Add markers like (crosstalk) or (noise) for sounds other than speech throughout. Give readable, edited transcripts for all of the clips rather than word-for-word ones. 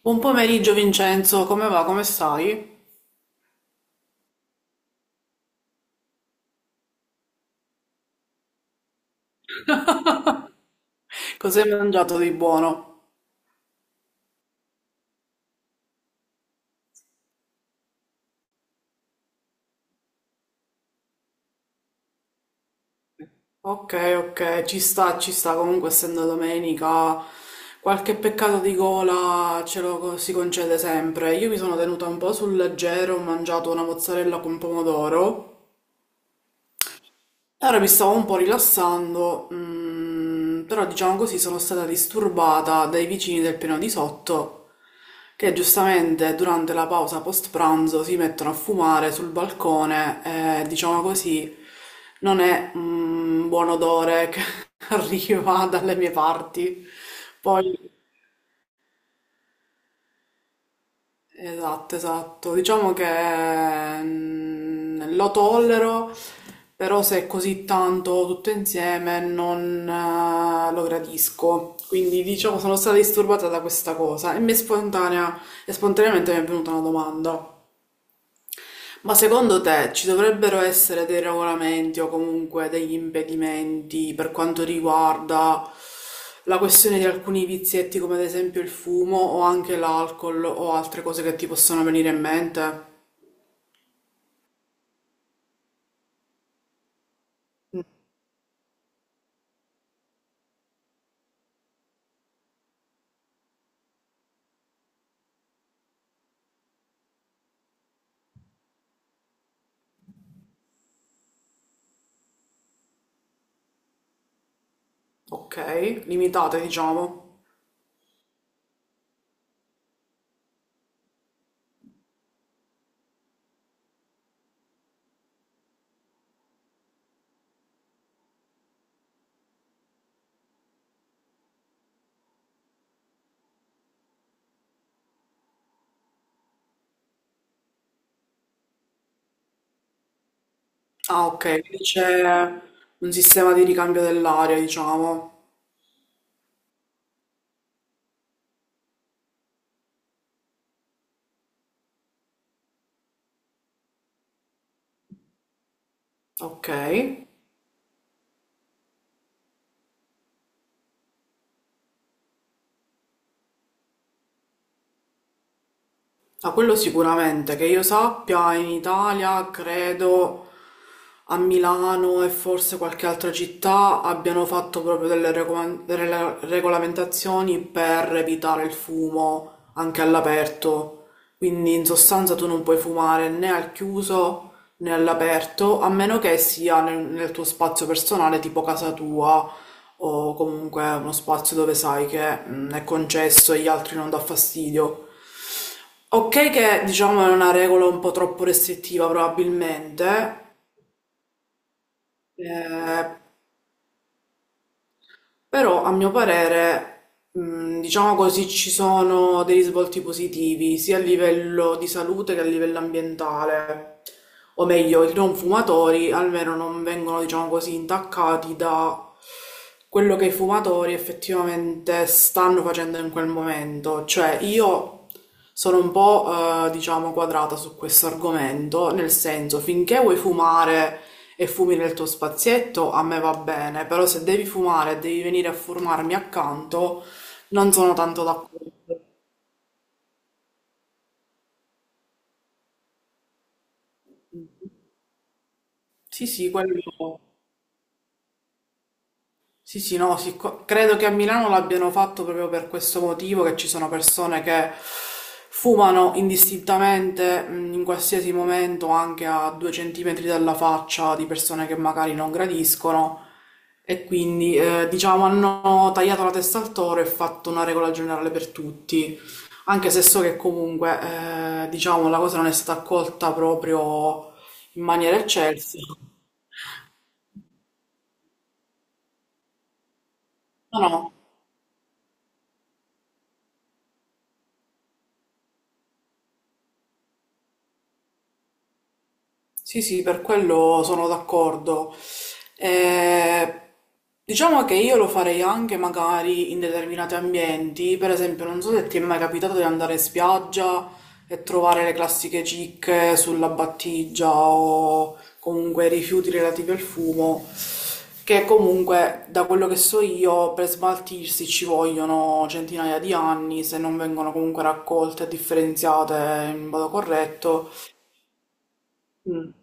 Buon pomeriggio Vincenzo, come va? Come stai? Cos'hai mangiato di buono? Ok, ok, ci sta, comunque essendo domenica, qualche peccato di gola si concede sempre. Io mi sono tenuta un po' sul leggero, ho mangiato una mozzarella con pomodoro. Allora mi stavo un po' rilassando, però diciamo così sono stata disturbata dai vicini del piano di sotto che giustamente durante la pausa post pranzo si mettono a fumare sul balcone, e diciamo così non è un buon odore che (laughs) arriva dalle mie parti. Poi esatto, esatto. Diciamo che lo tollero, però se è così tanto tutto insieme non lo gradisco. Quindi diciamo sono stata disturbata da questa cosa e mi è spontanea, e spontaneamente mi è venuta una domanda. Ma secondo te ci dovrebbero essere dei regolamenti o comunque degli impedimenti per quanto riguarda la questione di alcuni vizietti come ad esempio il fumo o anche l'alcol o altre cose che ti possono venire in mente? Ok, limitate diciamo. Ah ok, quindi c'è un sistema di ricambio dell'aria diciamo. Ok. Ah, quello sicuramente, che io sappia, in Italia credo a Milano e forse qualche altra città abbiano fatto proprio delle regolamentazioni per evitare il fumo anche all'aperto. Quindi in sostanza tu non puoi fumare né al chiuso né all'aperto, a meno che sia nel tuo spazio personale, tipo casa tua o comunque uno spazio dove sai che è concesso e gli altri non dà fastidio. Ok che diciamo è una regola un po' troppo restrittiva probabilmente, eh, però a mio parere, diciamo così, ci sono dei risvolti positivi sia a livello di salute che a livello ambientale. O meglio, i non fumatori almeno non vengono, diciamo così, intaccati da quello che i fumatori effettivamente stanno facendo in quel momento. Cioè io sono un po', diciamo, quadrata su questo argomento, nel senso, finché vuoi fumare e fumi nel tuo spazietto, a me va bene, però se devi fumare e devi venire a fumarmi accanto, non sono tanto d'accordo. Sì, sì, quello. Sì, sì, no, sì, credo che a Milano l'abbiano fatto proprio per questo motivo, che ci sono persone che fumano indistintamente in qualsiasi momento, anche a 2 cm dalla faccia di persone che magari non gradiscono, e quindi diciamo hanno tagliato la testa al toro e fatto una regola generale per tutti, anche se so che comunque diciamo la cosa non è stata accolta proprio in maniera eccelsa. No, no. Sì, sì, per quello sono d'accordo. Eh, diciamo che io lo farei anche magari in determinati ambienti, per esempio, non so se ti è mai capitato di andare in spiaggia e trovare le classiche cicche sulla battigia o comunque rifiuti relativi al fumo, che comunque, da quello che so io, per smaltirsi ci vogliono centinaia di anni se non vengono comunque raccolte e differenziate in modo corretto. Mm,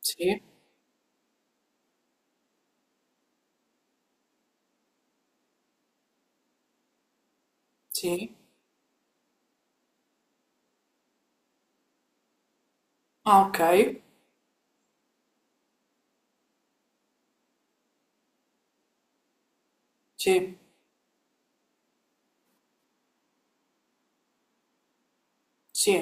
sì. Sì. Ah, okay. Sì, sì,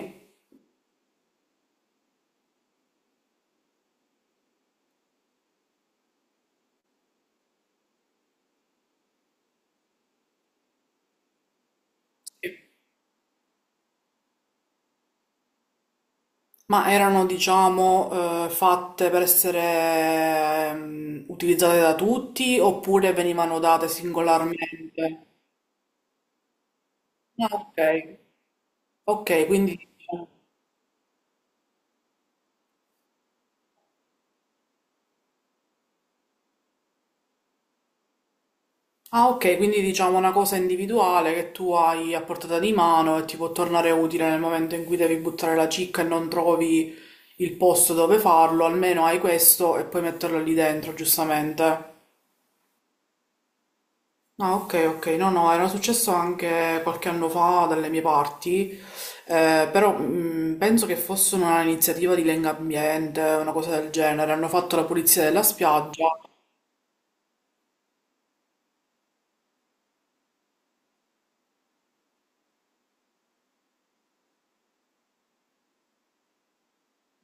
sì. Ma erano, diciamo, fatte per essere, utilizzate da tutti oppure venivano date singolarmente? Ah, okay. Okay, quindi diciamo ah, okay, quindi diciamo una cosa individuale che tu hai a portata di mano e ti può tornare utile nel momento in cui devi buttare la cicca e non trovi il posto dove farlo, almeno hai questo e puoi metterlo lì dentro, giustamente. Ah, ok, ok, no, no, era successo anche qualche anno fa dalle mie parti, però penso che fosse un'iniziativa di Lenga Ambiente, una cosa del genere, hanno fatto la pulizia della spiaggia.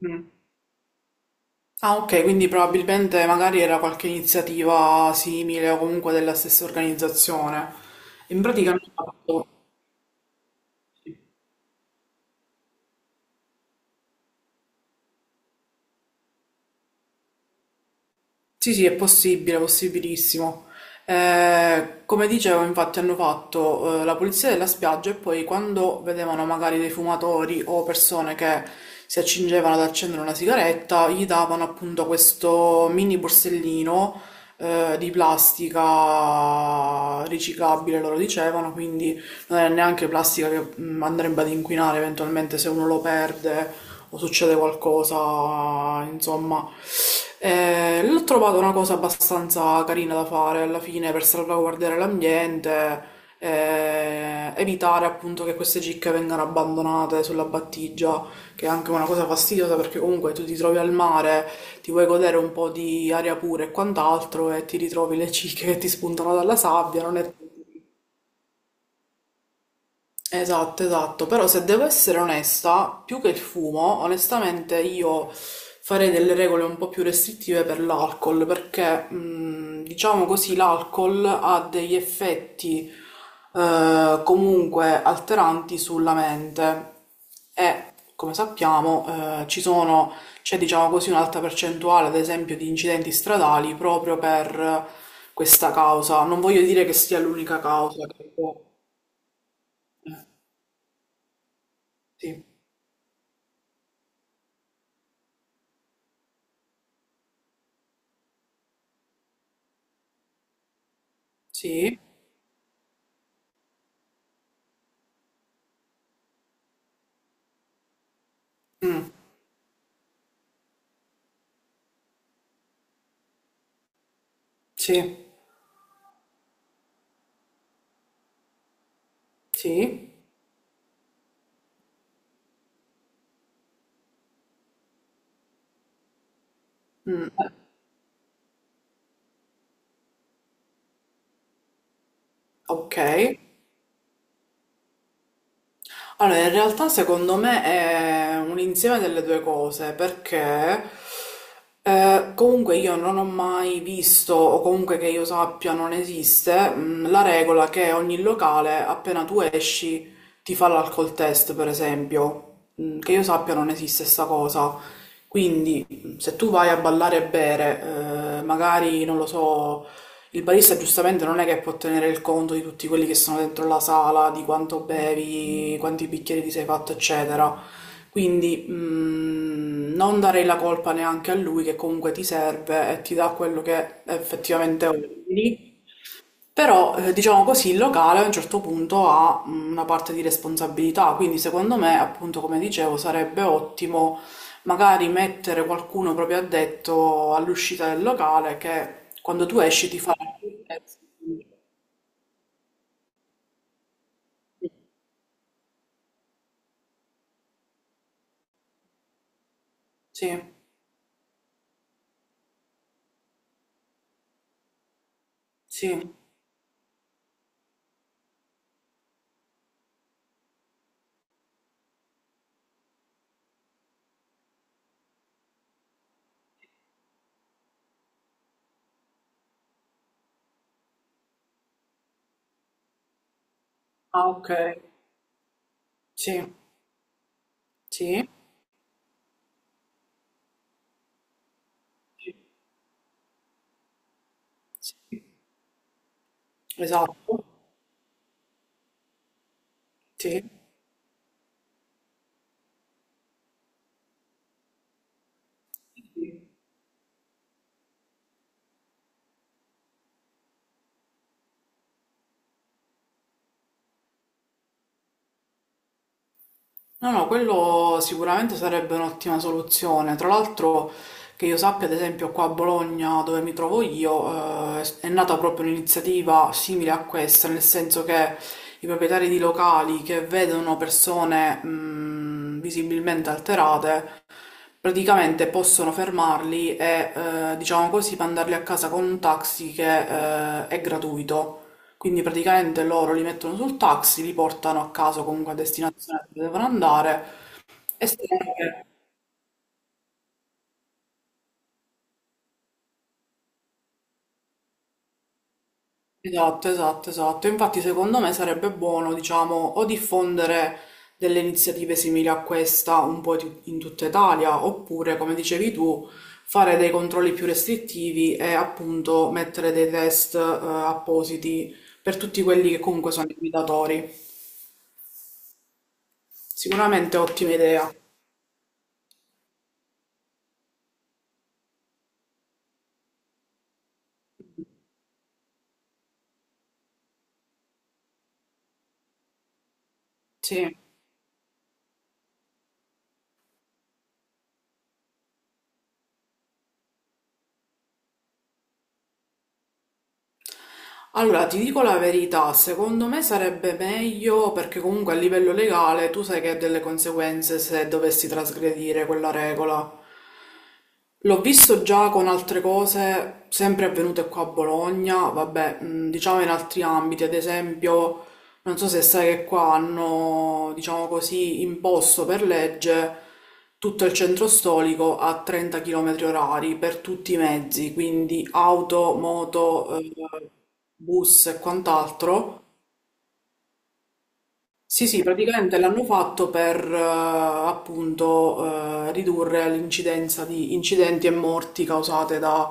Mm. Ah, ok, quindi probabilmente magari era qualche iniziativa simile o comunque della stessa organizzazione. In pratica hanno fatto... Sì, sì, è possibile, è possibilissimo. Come dicevo, infatti, hanno fatto la pulizia della spiaggia e poi quando vedevano magari dei fumatori o persone che si accingevano ad accendere una sigaretta, gli davano appunto questo mini borsellino di plastica riciclabile, loro dicevano, quindi non è neanche plastica che andrebbe ad inquinare eventualmente se uno lo perde o succede qualcosa, insomma. L'ho trovato una cosa abbastanza carina da fare alla fine per salvaguardare l'ambiente, evitare appunto che queste cicche vengano abbandonate sulla battigia, che è anche una cosa fastidiosa perché comunque tu ti trovi al mare, ti vuoi godere un po' di aria pura e quant'altro e ti ritrovi le cicche che ti spuntano dalla sabbia, non è. Esatto, esatto, però se devo essere onesta, più che il fumo, onestamente io farei delle regole un po' più restrittive per l'alcol, perché diciamo così l'alcol ha degli effetti comunque alteranti sulla mente e come sappiamo c'è diciamo così un'alta percentuale ad esempio di incidenti stradali proprio per questa causa. Non voglio dire che sia l'unica causa, sì, sì. Sì, sì, ok. Allora, in realtà secondo me è un insieme delle due cose, perché comunque io non ho mai visto, o comunque che io sappia non esiste, la regola che ogni locale, appena tu esci, ti fa l'alcol test, per esempio. Che io sappia non esiste sta cosa. Quindi, se tu vai a ballare e bere, magari, non lo so. Il barista giustamente non è che può tenere il conto di tutti quelli che sono dentro la sala, di quanto bevi, quanti bicchieri ti sei fatto, eccetera. Quindi non darei la colpa neanche a lui che comunque ti serve e ti dà quello che effettivamente ordini. Però, diciamo così, il locale a un certo punto ha una parte di responsabilità, quindi secondo me, appunto, come dicevo, sarebbe ottimo magari mettere qualcuno proprio addetto all'uscita del locale che quando tu esci ti fa la sicurezza. Sì, sì. Ah, ok. Sì, sì, sì. Sì. Esatto. Sì. Sì. No, no, quello sicuramente sarebbe un'ottima soluzione. Tra l'altro, che io sappia, ad esempio, qua a Bologna, dove mi trovo io, è nata proprio un'iniziativa simile a questa, nel senso che i proprietari di locali che vedono persone, visibilmente alterate, praticamente possono fermarli e, diciamo così, mandarli a casa con un taxi che, è gratuito. Quindi praticamente loro li mettono sul taxi, li portano a casa o comunque a destinazione dove devono andare. Estetica. Esatto, esatto, esatto. Infatti, secondo me sarebbe buono, diciamo, o diffondere delle iniziative simili a questa in tutta Italia, oppure, come dicevi tu, fare dei controlli più restrittivi e appunto mettere dei test, appositi per tutti quelli che comunque sono i guidatori. Sicuramente ottima idea. Sì. Allora, ti dico la verità, secondo me sarebbe meglio perché comunque a livello legale tu sai che ha delle conseguenze se dovessi trasgredire quella regola. L'ho visto già con altre cose, sempre avvenute qua a Bologna, vabbè, diciamo in altri ambiti, ad esempio non so se sai che qua hanno, diciamo così, imposto per legge tutto il centro storico a 30 km orari per tutti i mezzi, quindi auto, moto, bus e quant'altro. Sì, sì, praticamente l'hanno fatto per appunto ridurre l'incidenza di incidenti e morti causate da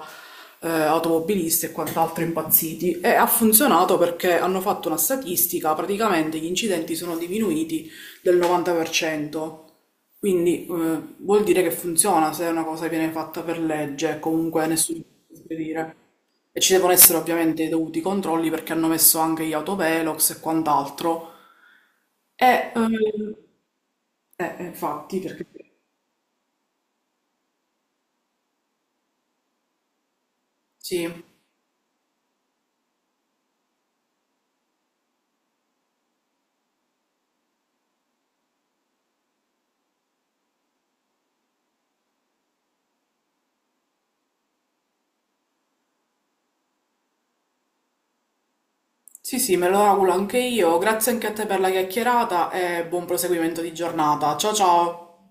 automobilisti e quant'altro impazziti e ha funzionato perché hanno fatto una statistica, praticamente gli incidenti sono diminuiti del 90%, quindi vuol dire che funziona se una cosa viene fatta per legge, comunque nessuno può dire. E ci devono essere ovviamente i dovuti controlli perché hanno messo anche gli autovelox e quant'altro eh, ehm, infatti, perché sì, sì, sì, me lo auguro anche io. Grazie anche a te per la chiacchierata e buon proseguimento di giornata. Ciao ciao!